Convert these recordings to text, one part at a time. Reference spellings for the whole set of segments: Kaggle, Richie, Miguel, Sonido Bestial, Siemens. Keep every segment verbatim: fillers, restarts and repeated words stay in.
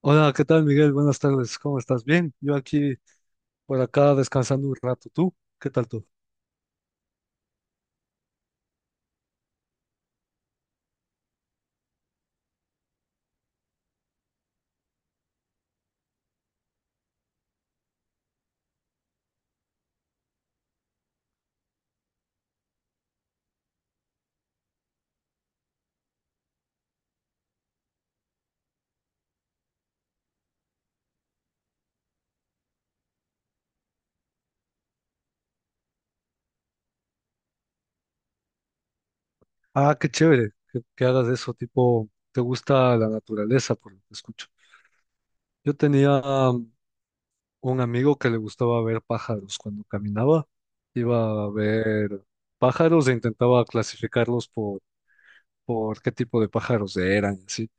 Hola, ¿qué tal, Miguel? Buenas tardes, ¿cómo estás? Bien, yo aquí por acá descansando un rato. ¿Tú? ¿Qué tal tú? Ah, qué chévere que, que hagas eso, tipo, te gusta la naturaleza, por lo que escucho. Yo tenía um, un amigo que le gustaba ver pájaros cuando caminaba, iba a ver pájaros e intentaba clasificarlos por, por qué tipo de pájaros eran, ¿sí?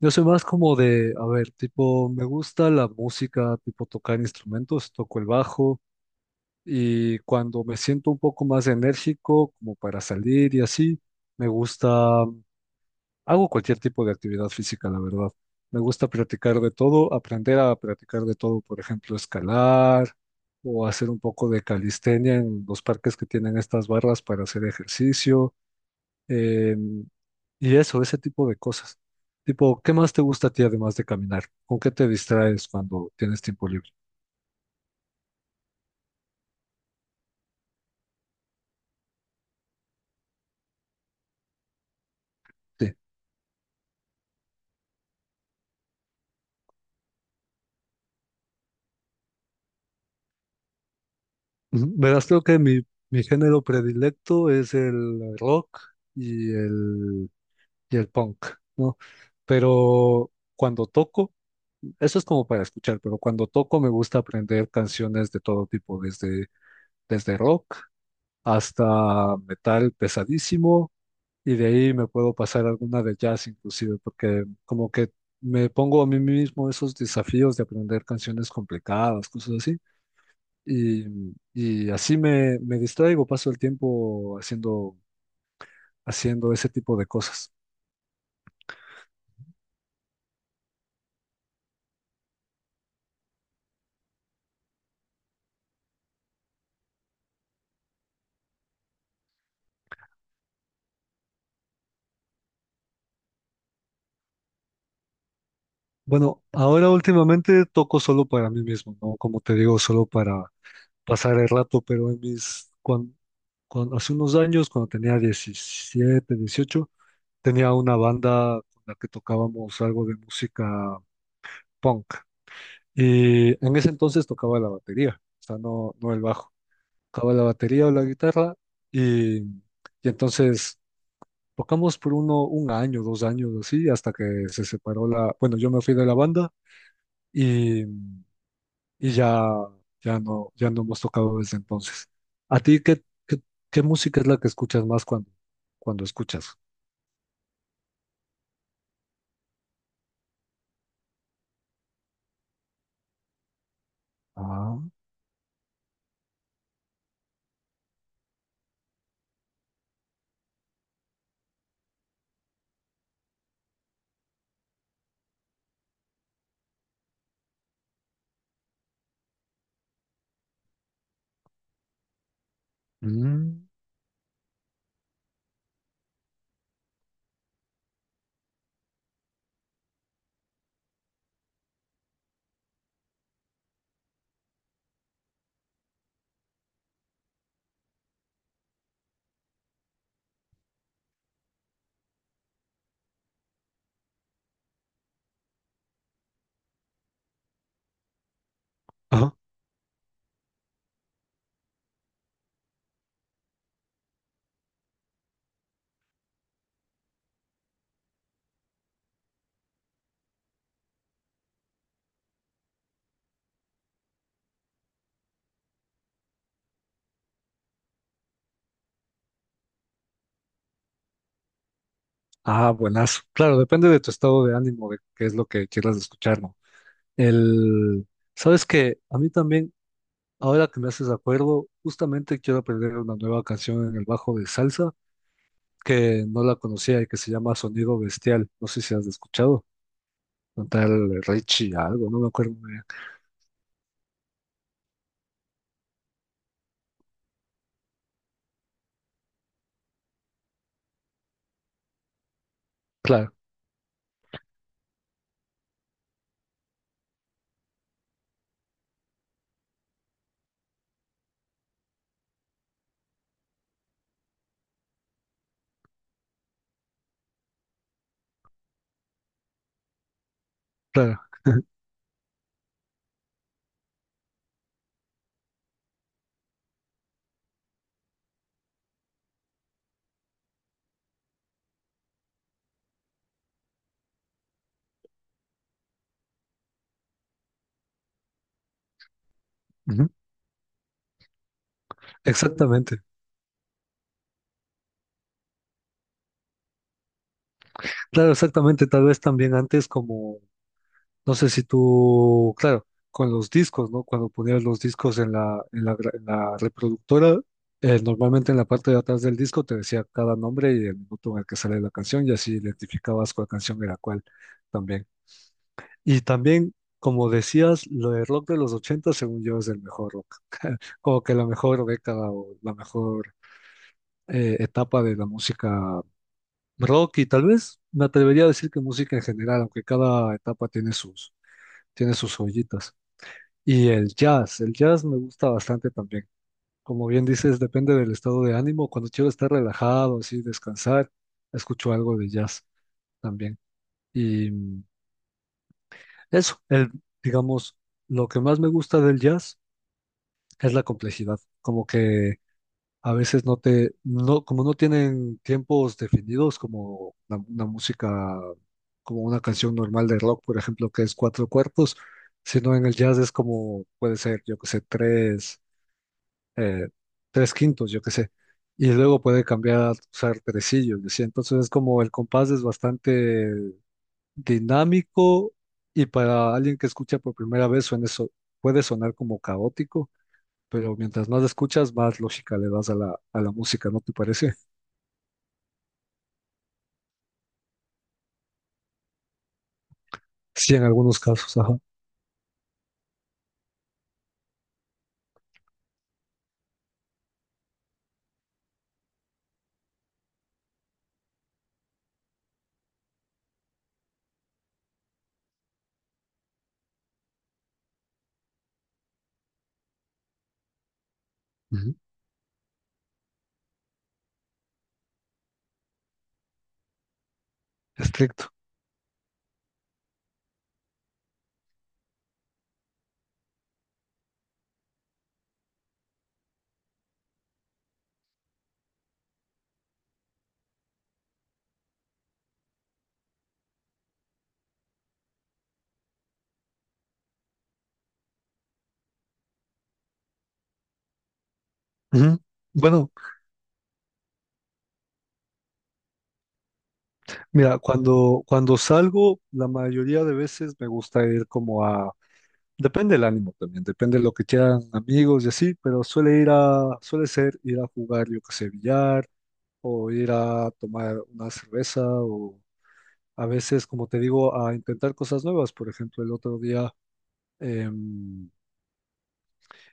Yo soy más como de, a ver, tipo, me gusta la música, tipo tocar instrumentos, toco el bajo. Y cuando me siento un poco más enérgico, como para salir y así, me gusta, hago cualquier tipo de actividad física, la verdad. Me gusta practicar de todo, aprender a practicar de todo, por ejemplo, escalar o hacer un poco de calistenia en los parques que tienen estas barras para hacer ejercicio. eh, y eso, ese tipo de cosas. Tipo, ¿qué más te gusta a ti además de caminar? ¿Con qué te distraes cuando tienes tiempo libre? Sí. Verás, creo que mi, mi género predilecto es el rock y el, y el punk, ¿no? Pero cuando toco, eso es como para escuchar, pero cuando toco me gusta aprender canciones de todo tipo, desde, desde rock hasta metal pesadísimo, y de ahí me puedo pasar alguna de jazz inclusive, porque como que me pongo a mí mismo esos desafíos de aprender canciones complicadas, cosas así. Y, y así me, me distraigo, paso el tiempo haciendo, haciendo ese tipo de cosas. Bueno, ahora últimamente toco solo para mí mismo, ¿no? Como te digo, solo para pasar el rato, pero en mis, cuan- cuan- hace unos años, cuando tenía diecisiete dieciocho tenía una banda con la que tocábamos algo de música punk. Y en ese entonces tocaba la batería, o sea, no, no el bajo. Tocaba la batería o la guitarra y... Y entonces tocamos por uno, un año, dos años, así, hasta que se separó la, bueno, yo me fui de la banda y, y ya, ya no, ya no hemos tocado desde entonces. ¿A ti qué, qué, qué música es la que escuchas más cuando, cuando escuchas? Ah, mm, ajá. Ah, buenazo. Claro, depende de tu estado de ánimo, de qué es lo que quieras escuchar, ¿no? El, sabes que a mí también, ahora que me haces de acuerdo, justamente quiero aprender una nueva canción en el bajo de salsa que no la conocía y que se llama Sonido Bestial. No sé si has escuchado. Un tal Richie, algo, no me acuerdo muy bien. Claro, claro. Ujú. Exactamente. Claro, exactamente. Tal vez también antes como, no sé si tú, claro, con los discos, ¿no? Cuando ponías los discos en la, en la, gra- en la reproductora, eh, normalmente en la parte de atrás del disco te decía cada nombre y el minuto en el que sale la canción y así identificabas cuál canción era cuál también. Y también, como decías, lo de rock de los ochenta según yo, es el mejor rock. Como que la mejor década o la mejor eh, etapa de la música rock. Y tal vez me atrevería a decir que música en general, aunque cada etapa tiene sus, tiene sus joyitas. Y el jazz, el jazz me gusta bastante también. Como bien dices, depende del estado de ánimo. Cuando quiero estar relajado, así, descansar, escucho algo de jazz también. Y mm, eso, el, digamos, lo que más me gusta del jazz es la complejidad, como que a veces no te, no, como no tienen tiempos definidos, como la- una, música, como una canción normal de rock, por ejemplo, que es cuatro cuartos, sino en el jazz es como, puede ser, yo que sé, tres, eh, tres quintos, yo que sé, y luego puede cambiar a usar tresillos, ¿sí? Entonces es como el compás es bastante dinámico y para alguien que escucha por primera vez suena eso, puede sonar como caótico pero mientras más escuchas, más lógica le das a la, a la música, ¿no te parece? Sí, en algunos casos, ajá. Ujú. Estricto. Ujú. Bueno, mira, cuando, cuando salgo, la mayoría de veces me gusta ir como a, depende del ánimo también, depende de lo que quieran amigos y así, pero suele ir a, suele ser ir a jugar, yo que sé, billar, o ir a tomar una cerveza, o a veces, como te digo, a intentar cosas nuevas. Por ejemplo, el otro día, em,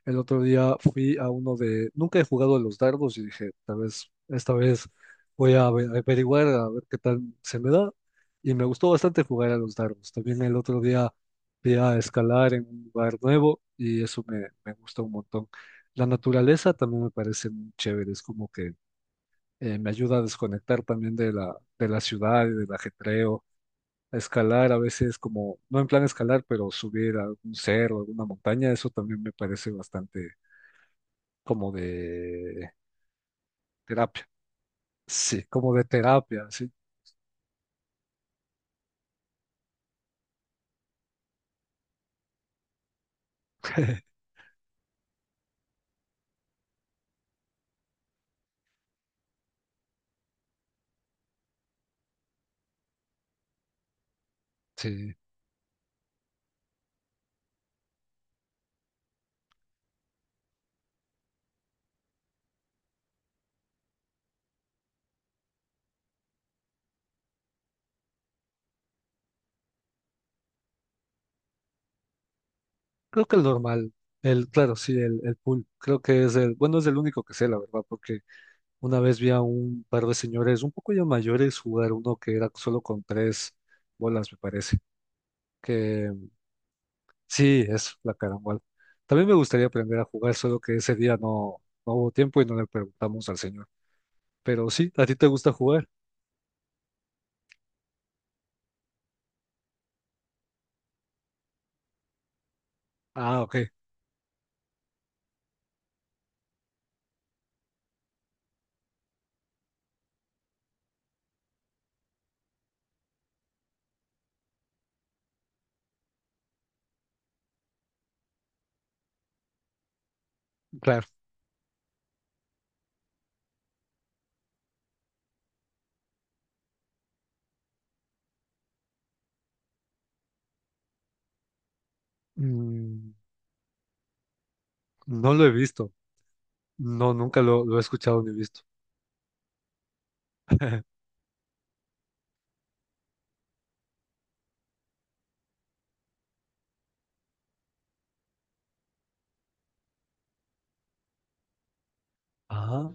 El otro día fui a uno de... Nunca he jugado a los dardos y dije, tal vez, esta vez voy a ave- averiguar a ver qué tal se me da. Y me gustó bastante jugar a los dardos. También el otro día fui a escalar en un lugar nuevo y eso me, me gustó un montón. La naturaleza también me parece muy chévere. Es como que eh, me ayuda a desconectar también de la, de la ciudad y del ajetreo. A escalar a veces como, no en plan escalar, pero subir a un cerro, alguna montaña, eso también me parece bastante como de terapia. Sí, como de terapia, sí. Sí, creo que el normal, el, claro, sí, el, el pool, creo que es el, bueno, es el único que sé, la verdad, porque una vez vi a un par de señores un poco ya mayores jugar uno que era solo con tres bolas, me parece, que mm, sí, es la carambola. También me gustaría aprender a jugar, solo que ese día no, no hubo tiempo y no le preguntamos al señor. Pero sí, ¿a ti te gusta jugar? Ah, ok, claro. Mm, no lo he visto. No, nunca lo, lo he escuchado ni visto. Ah,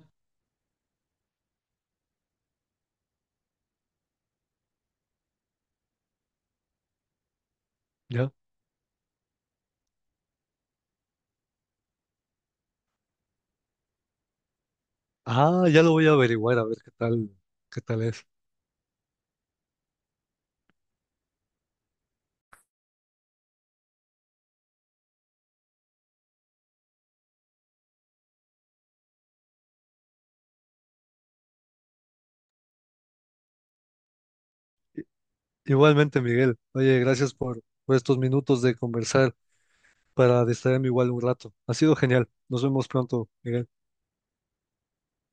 ya. Ah, ya lo voy a averiguar a ver qué tal, qué tal es. I- Igualmente, Miguel. Oye, gracias por, por estos minutos de conversar para distraerme igual un rato. Ha sido genial. Nos vemos pronto, Miguel.